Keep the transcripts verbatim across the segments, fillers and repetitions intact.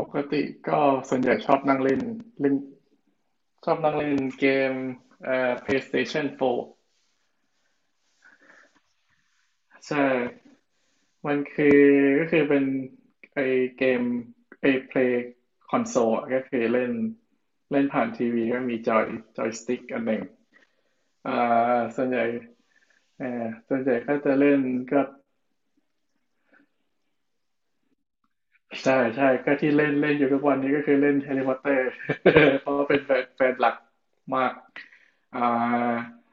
ปกติก็ส่วนใหญ่ชอบนั่งเล่นเล่นชอบนั่งเล่นเกมเอ่อ PlayStation โฟร์ใช่มันคือก็คือเป็นไอเกมไอ Play Console อะก็คือเล่นเล่นผ่านทีวีก็มีจอยจอยสติ๊กอันหนึ่งอ่าส่วนใหญ่เอ่อส่วนใหญ่ก็จะเล่นก็ใช่ใช่ก็ที่เล่นเล่นอยู่ทุกวันนี้ก็คือเล่น Harry Potter เพราะว่าเป็นแฟนแฟนหลักมากอ่า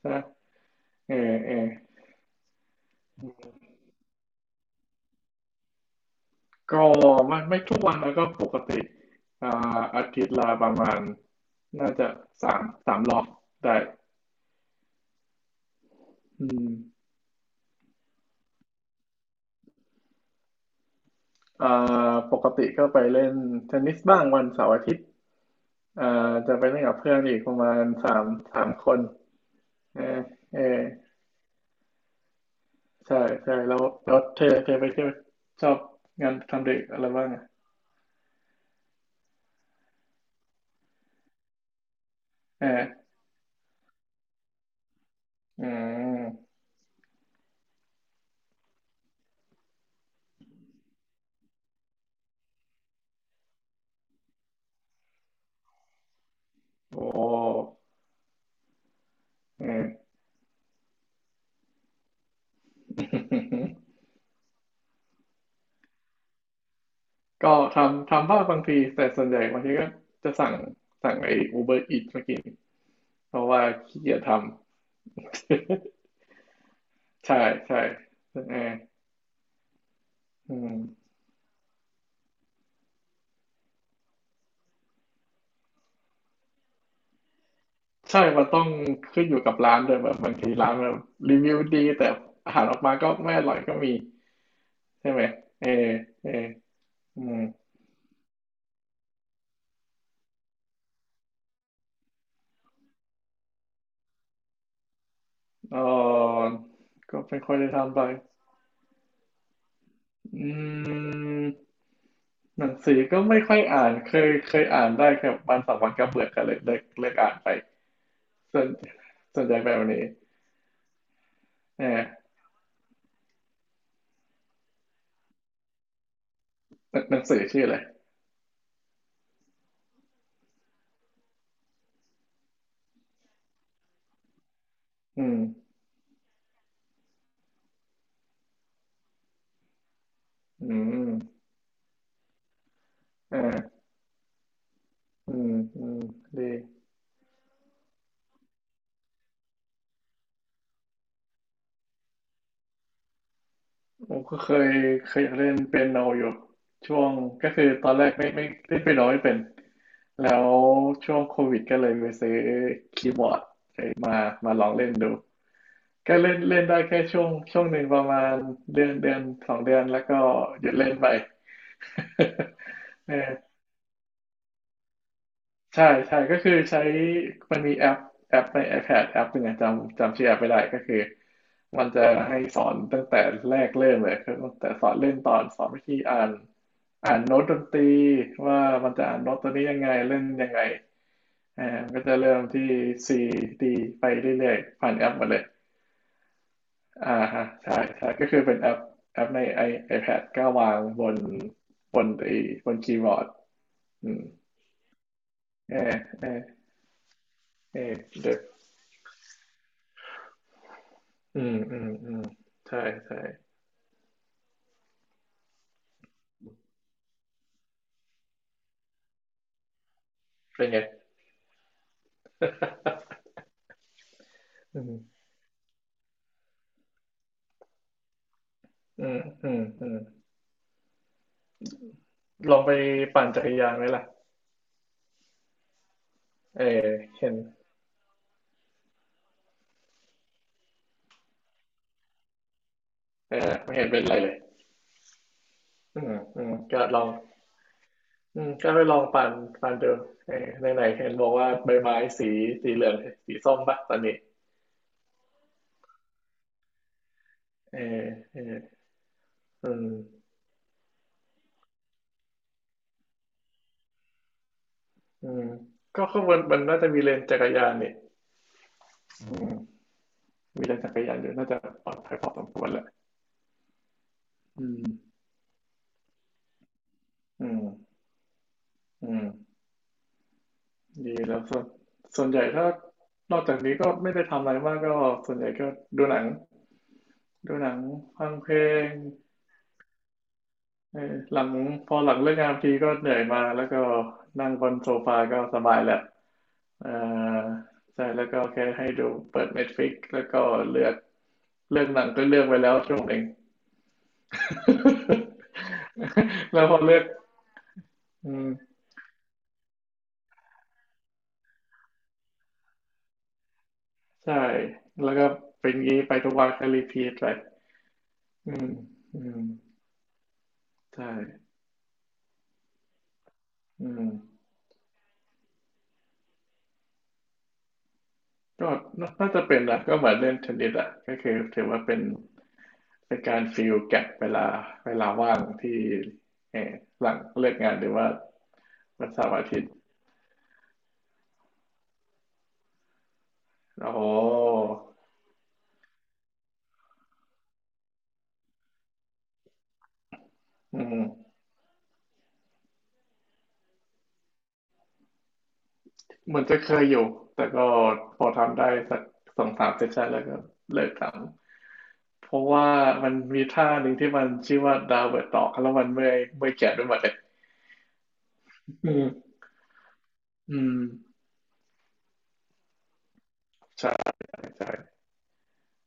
ใช่เออเออ ก็ไม่ไม่ทุกวันแล้วก็ปกติอ่าอาทิตย์ละประมาณน่าจะสามสามรอบได้อืมเอ่อปกติก็ไปเล่นเทนนิสบ้างวันเสาร์อาทิตย์เอ่อจะไปเล่นกับเพื่อนอีกประมาณสามสามคนเออเออใช่ใช่แล้วแล้วเธอเธอไปเที่ยวชอบงานทำเด็กอะไรบ้างอ่ะเอออืมโอ้เออ ก็ทำทำบ้างบางทีแต่ส่วนใหญ่บางทีก็จะสั่งสั่งไอ้ Uber Eats มากินเพราะว่าขี้เกียจทำ ใช่ใช่เรื่องแอร์อืมใช่มันต้องขึ้นอยู่กับร้านด้วยแบบบางทีร้านแบบรีวิวดีแต่อาหารออกมาก็ไม่อร่อยก็มีใช่ไหมเออเอออืมเออก็ไม่ค่อยได้ทำไปอืมหนังสือก็ไม่ค่อยอ่านเคยเคยอ่านได้แค่วันสองวันก็เบื่อก็เลยเลิกเลิกอ่านไป สนสนใจแบบนี้อ่าหนังสือชื่ออะไรอืมอืมอ่าอืมอืมดีผมก็เคยเคยอยากเล่นเปียโนอยู่ช่วงก็คือตอนแรกไม่ไม่เล่นเปียโนไม่เป็นแล้วช่วงโควิดก็เลยไปซื้อคีย์บอร์ดเอ้ยมามาลองเล่นดูก็เล่นเล่นได้แค่ช่วงช่วงหนึ่งประมาณเดือนเดือนสองเดือนแล้วก็หยุดเล่นไป เออ ใช่ใช่ก็คือใช้มันมีแอปแอปใน iPad แอปหนึ่งอะจำจำชื่อแอปไม่ได้ก็คือมันจะให้สอนตั้งแต่แรกเริ่มเลยคือตั้งแต่สอนเล่นตอนสอนวิธีอ่านอ่านโน้ตดนตรีว่ามันจะอ่านโน้ตตัวนี้ยังไงเล่นยังไงอ่ามันก็จะเริ่มที่ C D ไปเรื่อยๆผ่านแอปหมาเลยอ่าฮะใช่ใช่ก็คือเป็นแอปแอปใน i ไอ p a d ก็วางบนบนไอ้บนคีย์บอร์ดอืมเออเออเออเด อืมอืมอืมใช่ใช่เป็นไงอืมอืมอืมอืมลองไปปั่นจักรยานไหมล่ะเออเห็นเออไม่เห็นเป็นไรเลยอืมอืมก็ลองอืมก็ไปลองปั่นปั่นดูเออไหนไหนเห็นบอกว่าใบไม้สีสีเหลืองสีส้มปะตอนนี้เออเอออืมอืมก็ข้างบนมันน่าจะมีเลนจักรยานนี่อืมมีเลนจักรยานอยู่น่าจะปลอดภัยพอสมควรแหละอืมอืมอืม ดีแล้วส่วนส่วนใหญ่ถ้านอกจากนี้ก็ไม่ได้ทำอะไรมากก็ส่วนใหญ่ก็ดูหนังดูหนังฟังเพลงเออหลังพอหลังเลิกงานทีก็เหนื่อยมาแล้วก็นั่งบนโซฟาก็สบายแหละเออใช่แล้วก็แค่ให้ดูเปิด Netflix แล้วก็เลือกเลือกหนังก็เลือกไว้แล้วช่วงหนึ่ง แล้วพอเลือกอืมใช่แล้วก็เป็นงี้ไปทุกวันก็รีพีทไปอืมอืมใช่อืม ก็น่าน่าจะเป็นนะก็เหมือนเล่นเทนนิสอ่ะก็คือถือว่าเป็นเป็นการฟิลแก็บเวลาเวลาว่างที่เออหลังเลิกงานหรือว่าวันเสาร์อาทิตย์โอ้โหอืมเหมือนจะเคยอยู่แต่ก็พอทำได้สักสองสามเซสชันแล้วก็เลิกทำเพราะว่ามันมีท่าหนึ่งที่มันชื่อว่าดาวเวิร์ดดอกแล้วมันเมื่อยเมื่อยแขนไปหมดเลยอืมอืมใช่ใช่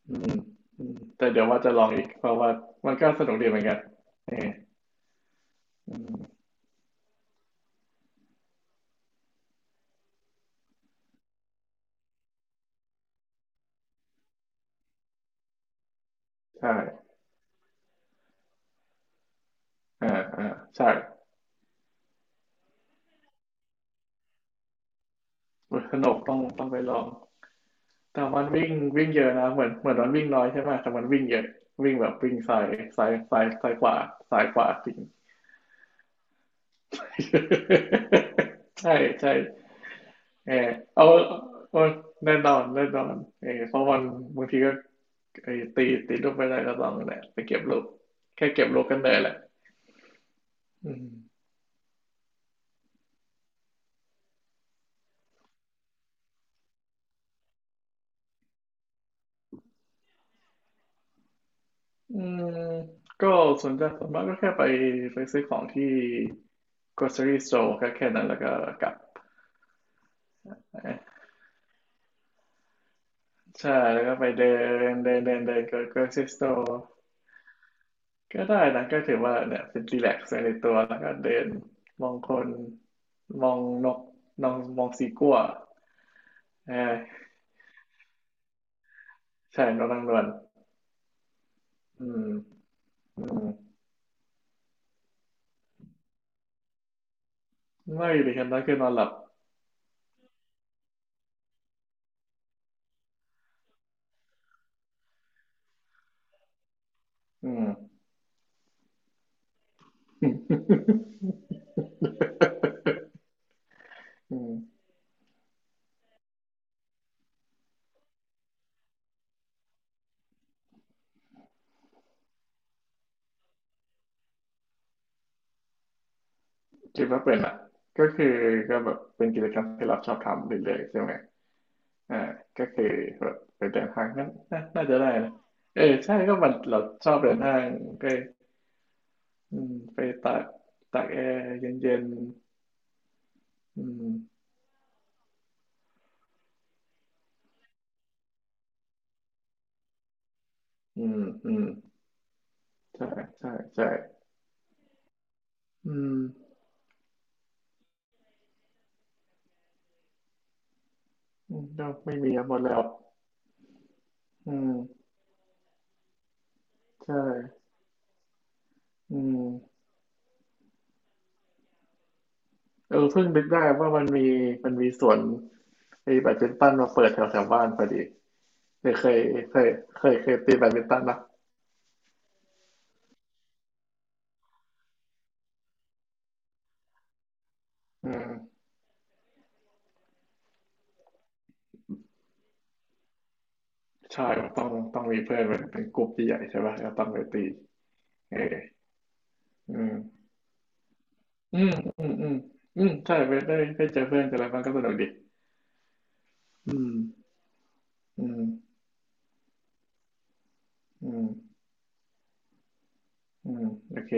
อืมอืมแต่เดี๋ยวว่าจะลองอีกเพราะว่ามันก็สนุกดีเหมือนกันเอออืมใช่อ่าอ่าใช่สนุกต้องต้องไปลองแต่มันวิ่งวิ่งเยอะนะเหมือนเหมือนมันวิ่งน้อยใช่ไหมแต่มันวิ่งเยอะวิ่งแบบวิ่งซ้ายซ้ายซ้ายซ้ายขวาซ้ายขวาจริง ใช่ใช่เอาเอาแน่นอนแน่นอนเออเพราะวันบางทีก็ไอ้ตีตีลูกไม่ได้ก็ลองนั่นแหละไปเก็บลูกแค่เก็บลูกกันเลยแหละอืม อืมก็ส่วนใหญ่ส่วนมากก็แค่ไปไปซื้อของที่ grocery store ก็แค่นั้นแล้วก็กลับใช่แล้วก็ไปเดินเดินเดินเดิน grocery store ก็ได้นะก็ถือว่าเนี่ยเป็นรีแลกซ์ในตัวแล้วก็เดินมองคนมองนกมองมองสีกั่วเออใช่นกนางนวลอืมอืมไม่ดีครับนั่นคือนอนหลับอืม อืม คิดว่าเป็นอ่ะก็คือก็แบบเป็นกิจกรรมที่เราชอบทำเรื่อยๆใช่ไหมอ่าก็คือแบบไปเดินห้างนั่นน่าน่าจะได้นะเออใช่ก็มันเราชอบเดินห้างก็อืมไปตากตากแอร์เย็นๆอืมอืมอืมใช่ใช่ใช่อืมอืมก็ไม่มีอะหมดแล้วอืมใช่อืมเออเพิ่งนึกได้ว่ามันมีมันมีสวนไอ้แบดมินตันมาเปิดแถวแถวบ้านพอดี เคยเคยเคยเคยเคยตีแบดมินตันนะอืมใช่ต้องต้องมีเพื่อนเป็นเป็นกลุ่มที่ใหญ่ใช่ป่ะแลต้องไปตีเอออืมอืมอืมอืมอืมใช่ ไปได้ได้เจอเพื่อนเจออะไรบ้างก็สนุกดีอืมอืมอืมอืมโอเค